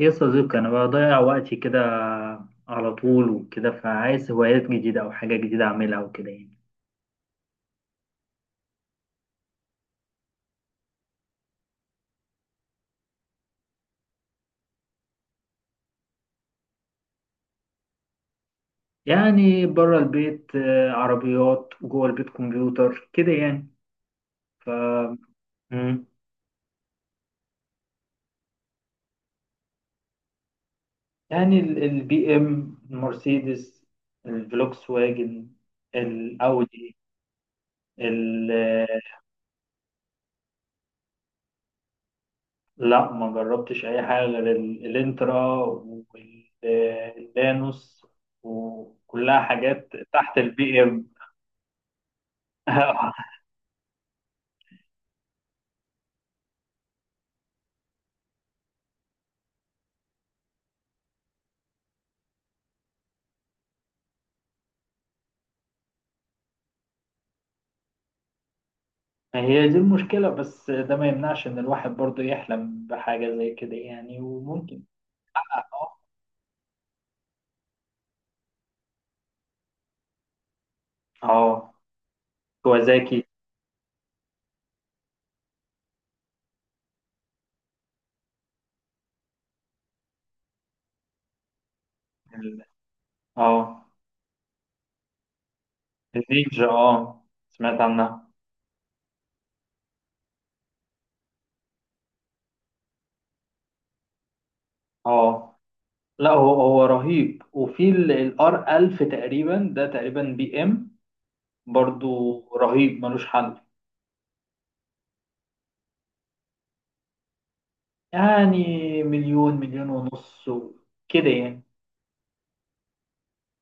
يا صديقي أنا بضيع وقتي كده على طول وكده فعايز هوايات جديدة أو حاجة جديدة أعملها وكده يعني بره البيت عربيات جوه البيت كمبيوتر كده يعني. ف مم. يعني البي إم، المرسيدس، الفلوكس واجن، الأودي. ال- آه، لا، ما جربتش أي حاجة غير الإنترا واللانوس، وكلها حاجات تحت البي إم. ما هي دي المشكلة، بس ده ما يمنعش إن الواحد برضه يحلم بحاجة زي كده يعني، وممكن. اه. اه. كوازاكي. ال- اه النينجا، اه، سمعت عنها. اه. لا، هو رهيب. وفي الار 1000 تقريبا، ده تقريبا بي ام برضه. رهيب، ملوش حل. يعني مليون، مليون ونص كده يعني.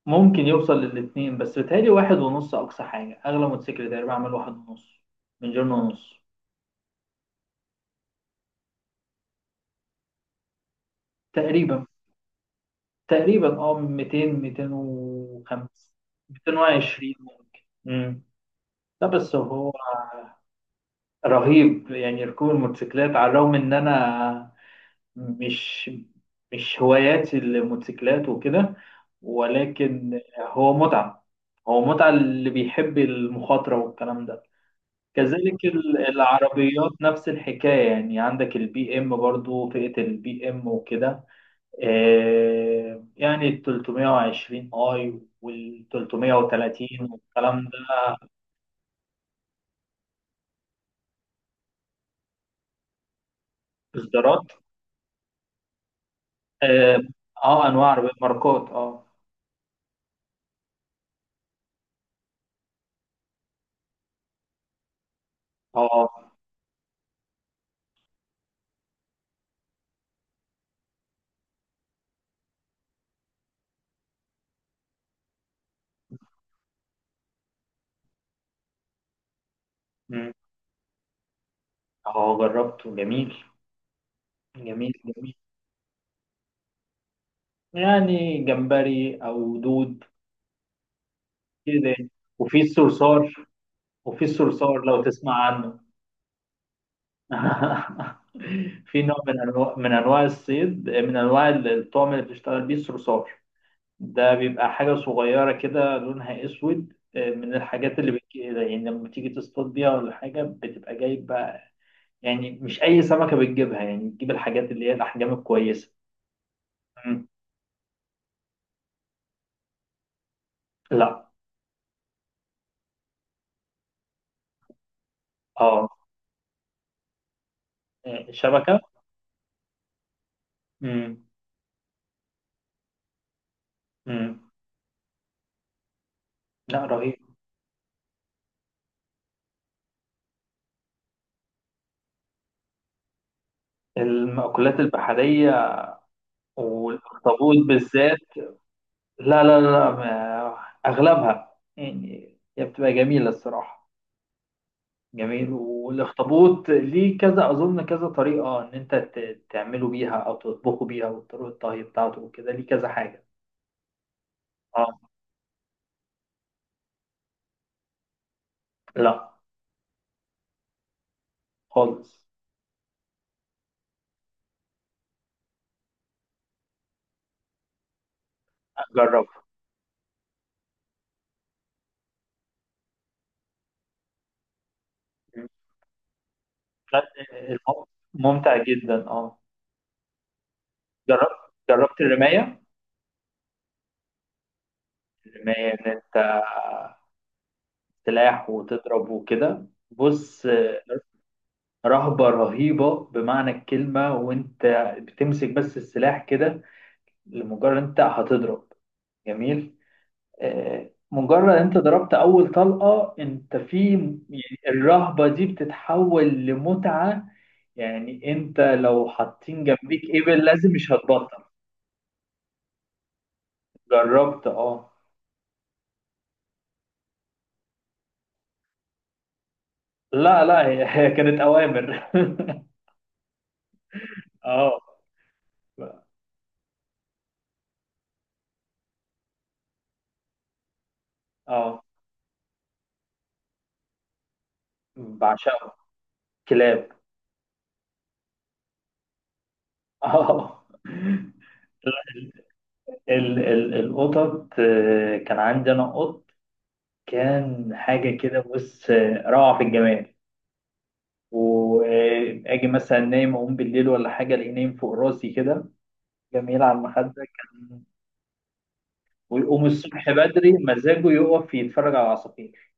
ممكن يوصل للاتنين، بس بيتهيألي واحد ونص أقصى حاجة. أغلى موتوسيكل تقريبا عمل واحد ونص، مليون ونص تقريبا. تقريبا اه 200، 205، 220 ممكن. امم لا، بس هو رهيب. يعني ركوب الموتوسيكلات، على الرغم ان انا مش مش هواياتي الموتوسيكلات وكده، ولكن هو متعة. هو متعة اللي بيحب المخاطرة والكلام ده. كذلك العربيات نفس الحكاية، يعني عندك البي ام برضو، فئة البي ام وكده، يعني ال 320 اي وال 330 والكلام ده. اصدارات. اه. انواع عربيات، ماركات. اه. اه. مم. اه، جربته، جميل جميل جميل. يعني جمبري او دود كده. وفي الصرصار. لو تسمع عنه. في نوع من انواع من انواع الصيد، من انواع الطعم اللي بتشتغل بيه الصرصار. ده بيبقى حاجة صغيرة كده لونها أسود، من الحاجات اللي بتجي يعني لما تيجي تصطاد بيها، ولا حاجة بتبقى جايب بقى، يعني مش أي سمكة بتجيبها، يعني بتجيب الحاجات اللي هي الأحجام الكويسة. مم. لا. اه. شبكة. مم. مم. لا، رهيب. المأكولات البحرية والأخطبوط بالذات. لا لا لا، أغلبها يعني هي بتبقى جميلة الصراحة، جميل. والاخطبوط ليه كذا، اظن كذا طريقه ان انت تعمله بيها او تطبخه بيها، وطرق الطهي بتاعته وكده ليه كذا حاجه. اه. لا، خالص. جرب. ممتع جدا، اه. جربت الرمايه. الرمايه ان انت سلاح وتضرب وكده، بص. رهبه رهيبه بمعنى الكلمه. وانت بتمسك بس السلاح كده، لمجرد انت هتضرب، جميل. مجرد انت ضربت اول طلقة انت في، يعني الرهبة دي بتتحول لمتعة. يعني انت لو حاطين جنبيك ابل لازم، مش هتبطل. جربت. اه. لا لا، هي هي كانت اوامر. اه. اه، بعشقه. كلاب. اه، ال القطط، كان عندي انا قط، كان حاجة كده بص، روعة في الجمال. واجي مثلا نايم اقوم بالليل، ولا حاجه الاقيه نايم فوق راسي كده، جميل، على المخده كان. ويقوم الصبح بدري مزاجه يقف يتفرج على العصافير.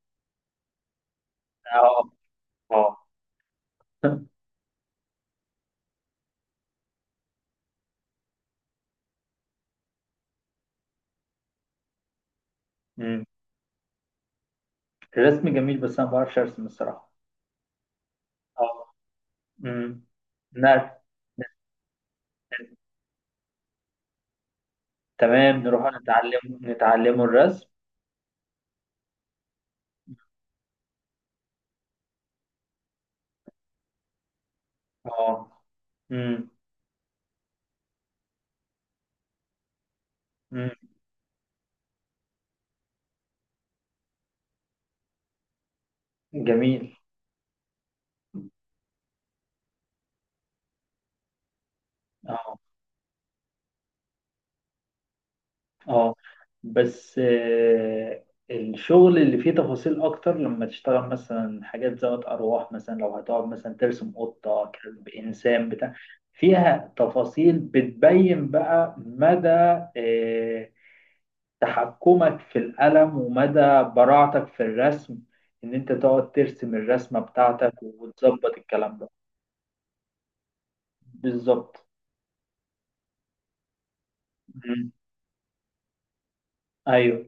اه. اه. أمم. الرسم جميل، بس انا ما بعرفش ارسم الصراحه. اه. أمم. نعم. تمام، نروح نتعلم، نتعلمه الرسم. اه. أمم. أمم. جميل. اه. اه. بس الشغل اللي فيه تفاصيل اكتر، لما تشتغل مثلا حاجات ذات ارواح، مثلا لو هتقعد مثلا ترسم قطة، كلب، انسان، بتاع، فيها تفاصيل بتبين بقى مدى آه، تحكمك في القلم، ومدى براعتك في الرسم، ان انت تقعد ترسم الرسمة بتاعتك وتظبط الكلام ده. بالظبط. مم. ايوه،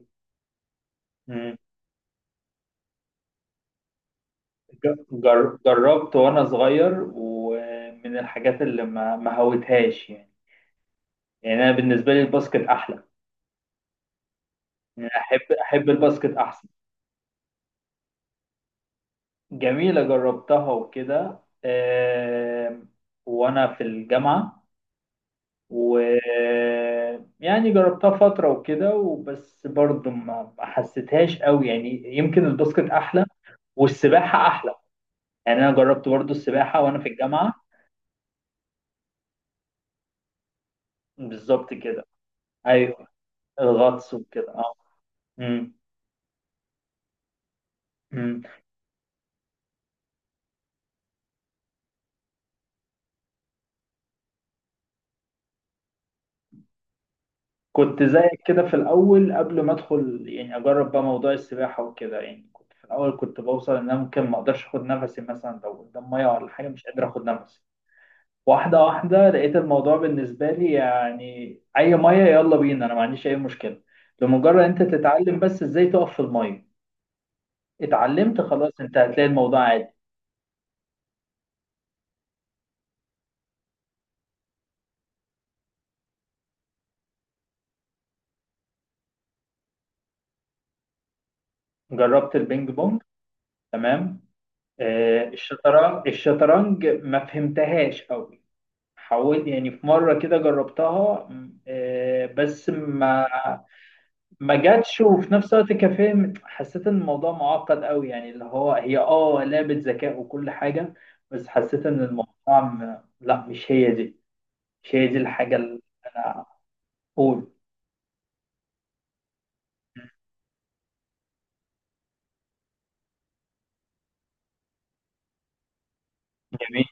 جربت وانا صغير، ومن الحاجات اللي ما هوتهاش يعني. يعني انا بالنسبه لي الباسكت احلى، يعني احب الباسكت احسن. جميله، جربتها وكده، آم، وانا في الجامعه، و يعني جربتها فتره وكده، وبس برضه ما حسيتهاش قوي، يعني يمكن الباسكت احلى، والسباحه احلى. يعني انا جربت برضه السباحه وانا في الجامعه. بالظبط كده. ايوه، الغطس وكده. اه. مم. كنت زيك كده في الأول، قبل ما أدخل يعني أجرب بقى موضوع السباحة وكده. يعني كنت في الأول كنت بوصل إن أنا ممكن ما أقدرش أخد نفسي، مثلا لو قدام مية ولا حاجة مش قادر أخد نفسي. واحدة واحدة لقيت الموضوع بالنسبة لي يعني أي مية يلا بينا، أنا ما عنديش أي مشكلة. لمجرد أنت تتعلم بس إزاي تقف في المية، اتعلمت خلاص، أنت هتلاقي الموضوع عادي. جربت البينج بونج، تمام. الشطرنج، ما فهمتهاش أوي. حاولت يعني في مرة كده، جربتها بس ما جاتش. وفي نفس الوقت كفاهم حسيت ان الموضوع معقد قوي، يعني اللي هو هي، اه، لعبة ذكاء وكل حاجة. بس حسيت ان الموضوع لا، مش هي دي الحاجة اللي انا اقول. جميل،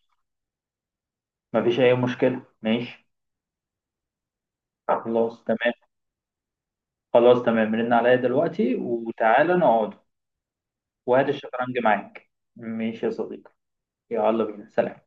مفيش اي مشكلة، ماشي. خلاص تمام. خلاص تمام، رن عليا دلوقتي وتعالى نقعد. وهات الشطرنج معاك. ماشي يا صديقي. يلا بينا، سلام.